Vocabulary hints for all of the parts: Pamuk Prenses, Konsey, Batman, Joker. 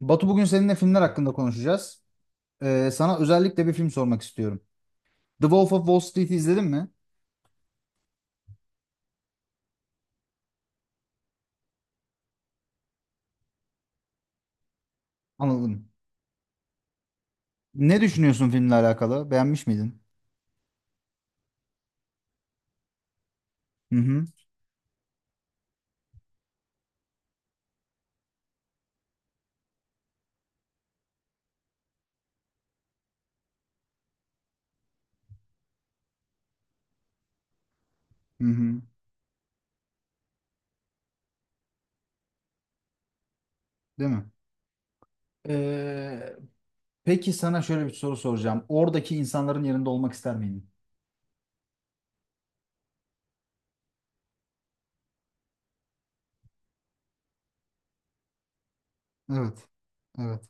Batu, bugün seninle filmler hakkında konuşacağız. Sana özellikle bir film sormak istiyorum. The Wolf of Wall Street'i izledin mi? Anladım. Ne düşünüyorsun filmle alakalı? Beğenmiş miydin? Hı hı. Hı hı. Değil mi? Ee, peki sana şöyle bir soru soracağım. Oradaki insanların yerinde olmak ister miydin? Evet. Evet.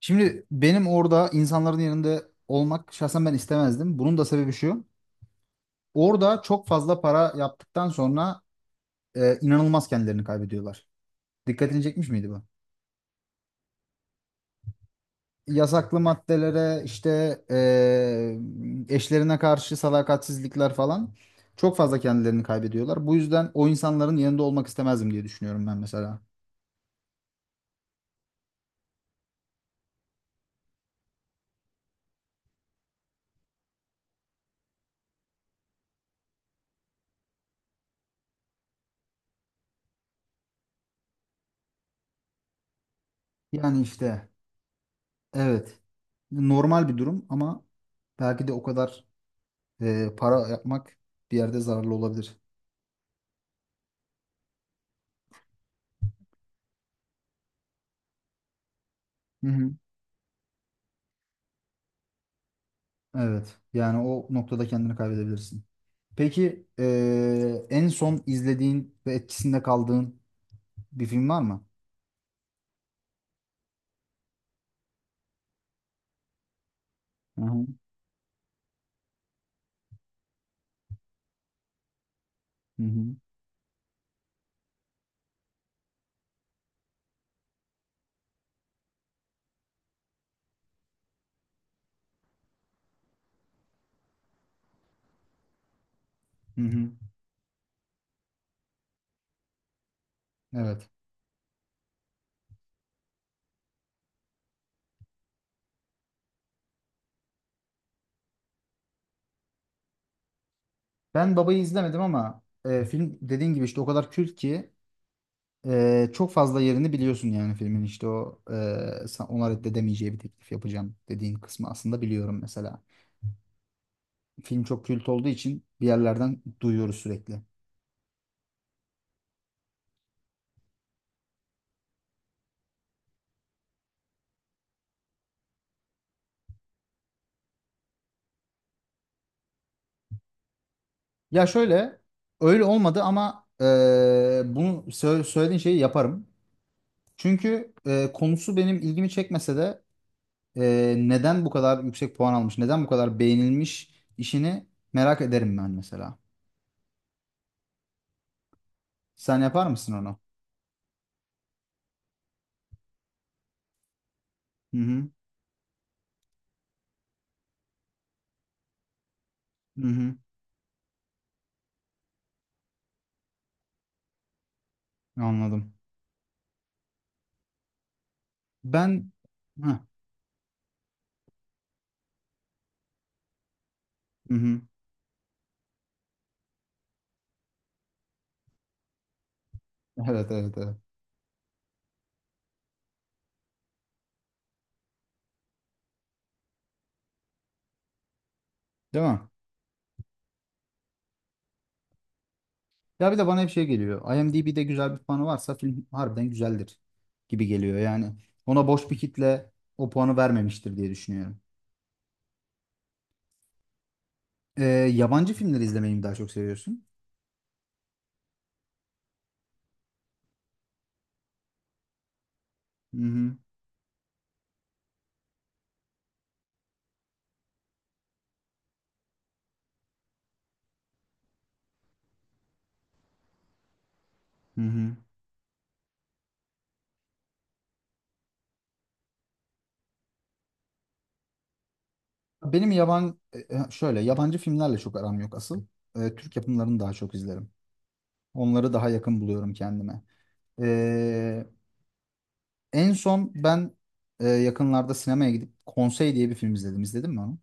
Şimdi benim orada insanların yerinde olmak şahsen ben istemezdim. Bunun da sebebi şu. Orada çok fazla para yaptıktan sonra inanılmaz kendilerini kaybediyorlar. Dikkatini çekmiş miydi bu? Yasaklı maddelere işte eşlerine karşı sadakatsizlikler falan çok fazla kendilerini kaybediyorlar. Bu yüzden o insanların yanında olmak istemezdim diye düşünüyorum ben mesela. Yani işte evet, normal bir durum ama belki de o kadar para yapmak bir yerde zararlı olabilir. Hı hı. Evet, yani o noktada kendini kaybedebilirsin. Peki en son izlediğin ve etkisinde kaldığın bir film var mı? Hı hı. Hı hı. Hı hı. Evet. Ben Baba'yı izlemedim ama film dediğin gibi işte o kadar kült ki çok fazla yerini biliyorsun, yani filmin işte o ona reddedemeyeceği bir teklif yapacağım dediğin kısmı aslında biliyorum mesela. Film çok kült olduğu için bir yerlerden duyuyoruz sürekli. Ya şöyle, öyle olmadı ama söylediğin şeyi yaparım. Çünkü konusu benim ilgimi çekmese de neden bu kadar yüksek puan almış, neden bu kadar beğenilmiş işini merak ederim ben mesela. Sen yapar mısın onu? Hı hı. Hı hı. Anladım. Ben ha. Hı hı. Evet, evet, evet. Değil mi? Ya bir de bana hep şey geliyor. IMDb'de güzel bir puanı varsa film harbiden güzeldir gibi geliyor. Yani ona boş bir kitle o puanı vermemiştir diye düşünüyorum. Ee, Yabancı filmleri izlemeyi mi daha çok seviyorsun? Hı hı. Hı hı. Benim yaban e, e, Şöyle, yabancı filmlerle çok aram yok asıl. Türk yapımlarını daha çok izlerim. Onları daha yakın buluyorum kendime. Ee, En son ben yakınlarda sinemaya gidip Konsey diye bir film izledim. İzledin mi onu?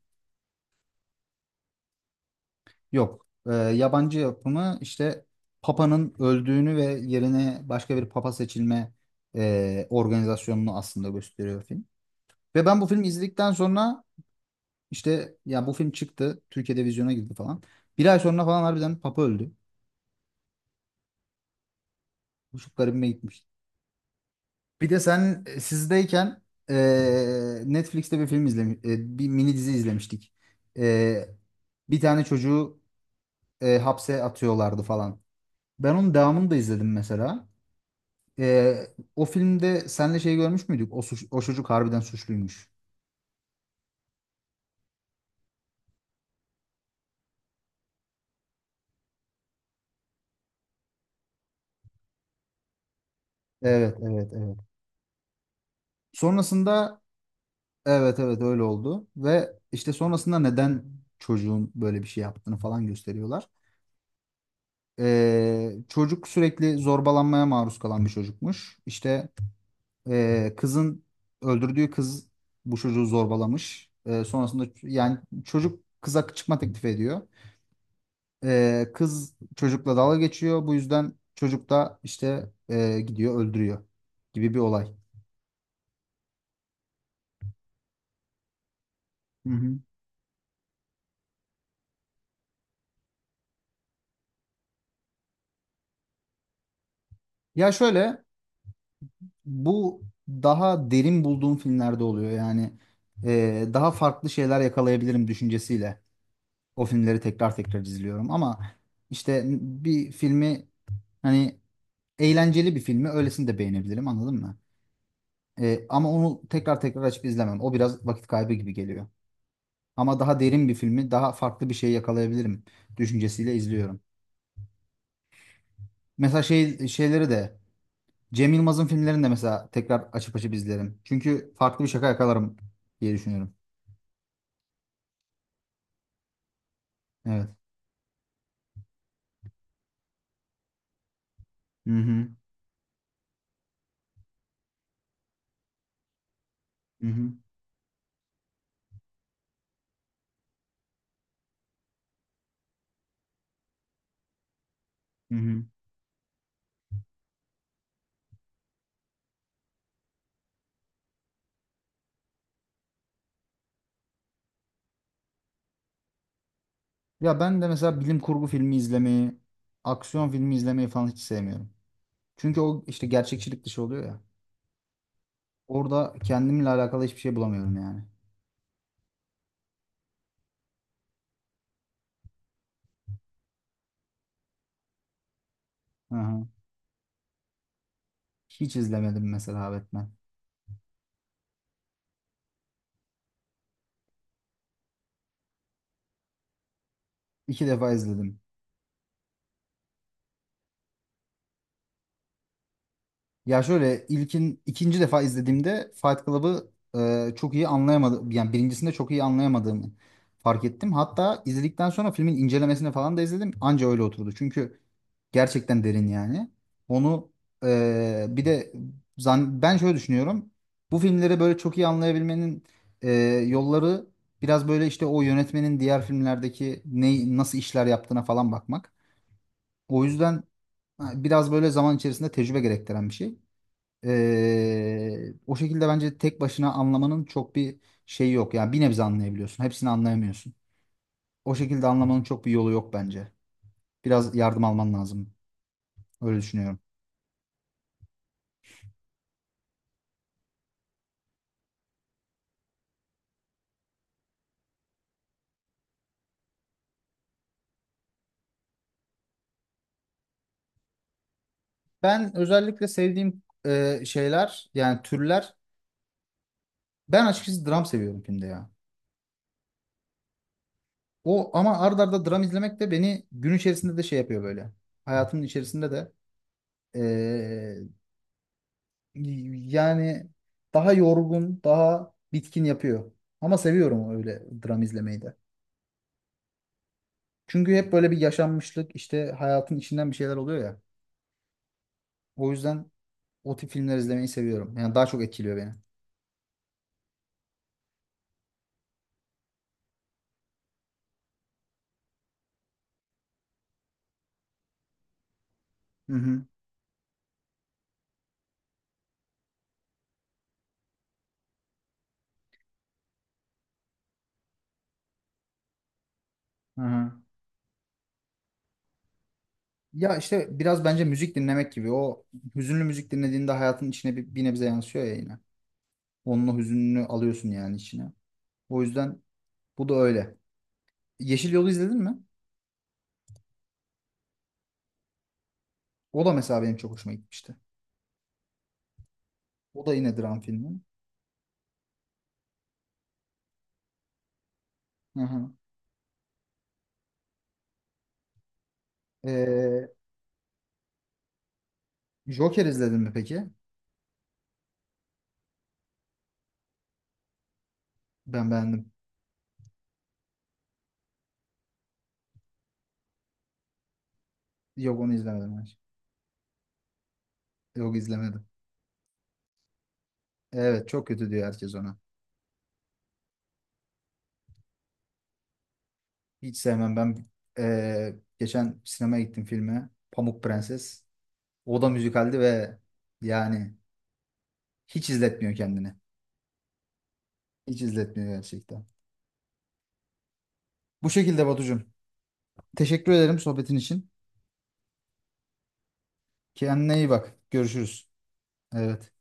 Yok. Yabancı yapımı işte. Papa'nın öldüğünü ve yerine başka bir Papa seçilme organizasyonunu aslında gösteriyor film. Ve ben bu filmi izledikten sonra işte, ya bu film çıktı. Türkiye'de vizyona girdi falan. Bir ay sonra falan harbiden Papa öldü. Bu çok garibime gitmişti. Bir de sen sizdeyken e, Netflix'te bir mini dizi izlemiştik. E, Bir tane çocuğu hapse atıyorlardı falan. Ben onun devamını da izledim mesela. E, O filmde senle şey görmüş müydük? O, suç, o çocuk harbiden suçluymuş. Evet, evet, evet. Sonrasında evet, evet öyle oldu ve işte sonrasında neden çocuğun böyle bir şey yaptığını falan gösteriyorlar. Çocuk sürekli zorbalanmaya maruz kalan bir çocukmuş. İşte, kızın öldürdüğü kız bu çocuğu zorbalamış. Sonrasında yani çocuk kıza çıkma teklif ediyor. Kız çocukla dalga geçiyor. Bu yüzden çocuk da işte gidiyor öldürüyor gibi bir olay. Hı hı. Ya şöyle, bu daha derin bulduğum filmlerde oluyor. Yani daha farklı şeyler yakalayabilirim düşüncesiyle o filmleri tekrar tekrar izliyorum. Ama işte bir filmi, hani eğlenceli bir filmi. Öylesini de beğenebilirim, anladın mı? Ama onu tekrar tekrar açıp izlemem. O biraz vakit kaybı gibi geliyor. Ama daha derin bir filmi, daha farklı bir şey yakalayabilirim düşüncesiyle izliyorum. Mesela şey şeyleri de Cem Yılmaz'ın filmlerini de mesela tekrar açıp açıp izlerim. Çünkü farklı bir şaka yakalarım diye düşünüyorum. Evet. Hı hı. Hı hı. Hı hı. Ya ben de mesela bilim kurgu filmi izlemeyi, aksiyon filmi izlemeyi falan hiç sevmiyorum. Çünkü o işte gerçekçilik dışı oluyor ya. Orada kendimle alakalı hiçbir şey bulamıyorum yani. Hı hı. Hiç izlemedim mesela Batman. İki defa izledim. Ya şöyle, ilkin ikinci defa izlediğimde Fight Club'ı çok iyi anlayamadım. Yani birincisinde çok iyi anlayamadığımı fark ettim. Hatta izledikten sonra filmin incelemesini falan da izledim. Anca öyle oturdu. Çünkü gerçekten derin yani. Onu e, bir de ben şöyle düşünüyorum. Bu filmleri böyle çok iyi anlayabilmenin e, yolları biraz böyle işte o yönetmenin diğer filmlerdeki nasıl işler yaptığına falan bakmak. O yüzden, ha, biraz böyle zaman içerisinde tecrübe gerektiren bir şey. O şekilde bence tek başına anlamanın çok bir şeyi yok. Yani bir nebze anlayabiliyorsun. Hepsini anlayamıyorsun. O şekilde anlamanın çok bir yolu yok bence. Biraz yardım alman lazım. Öyle düşünüyorum. Ben özellikle sevdiğim şeyler, yani türler. Ben açıkçası dram seviyorum filmde ya. O ama ard arda dram izlemek de beni gün içerisinde de şey yapıyor böyle. Hayatımın içerisinde de e, yani daha yorgun, daha bitkin yapıyor. Ama seviyorum öyle dram izlemeyi de. Çünkü hep böyle bir yaşanmışlık, işte hayatın içinden bir şeyler oluyor ya. O yüzden o tip filmler izlemeyi seviyorum. Yani daha çok etkiliyor beni. Hı hı. Hı hı. Ya işte biraz bence müzik dinlemek gibi. O hüzünlü müzik dinlediğinde hayatın içine bir nebze yansıyor ya yine. Onun o hüzününü alıyorsun yani içine. O yüzden bu da öyle. Yeşil Yol'u izledin mi? O da mesela benim çok hoşuma gitmişti. O da yine dram filmi. Hı hı. Ee, Joker izledin mi peki? Ben beğendim. Yok, onu izlemedim. Hayır. Yok, izlemedim. Evet, çok kötü diyor herkes ona. Hiç sevmem. Ben Geçen sinemaya gittim filme. Pamuk Prenses. O da müzikaldi ve yani hiç izletmiyor kendini. Hiç izletmiyor gerçekten. Bu şekilde Batucuğum. Teşekkür ederim sohbetin için. Kendine iyi bak. Görüşürüz. Evet.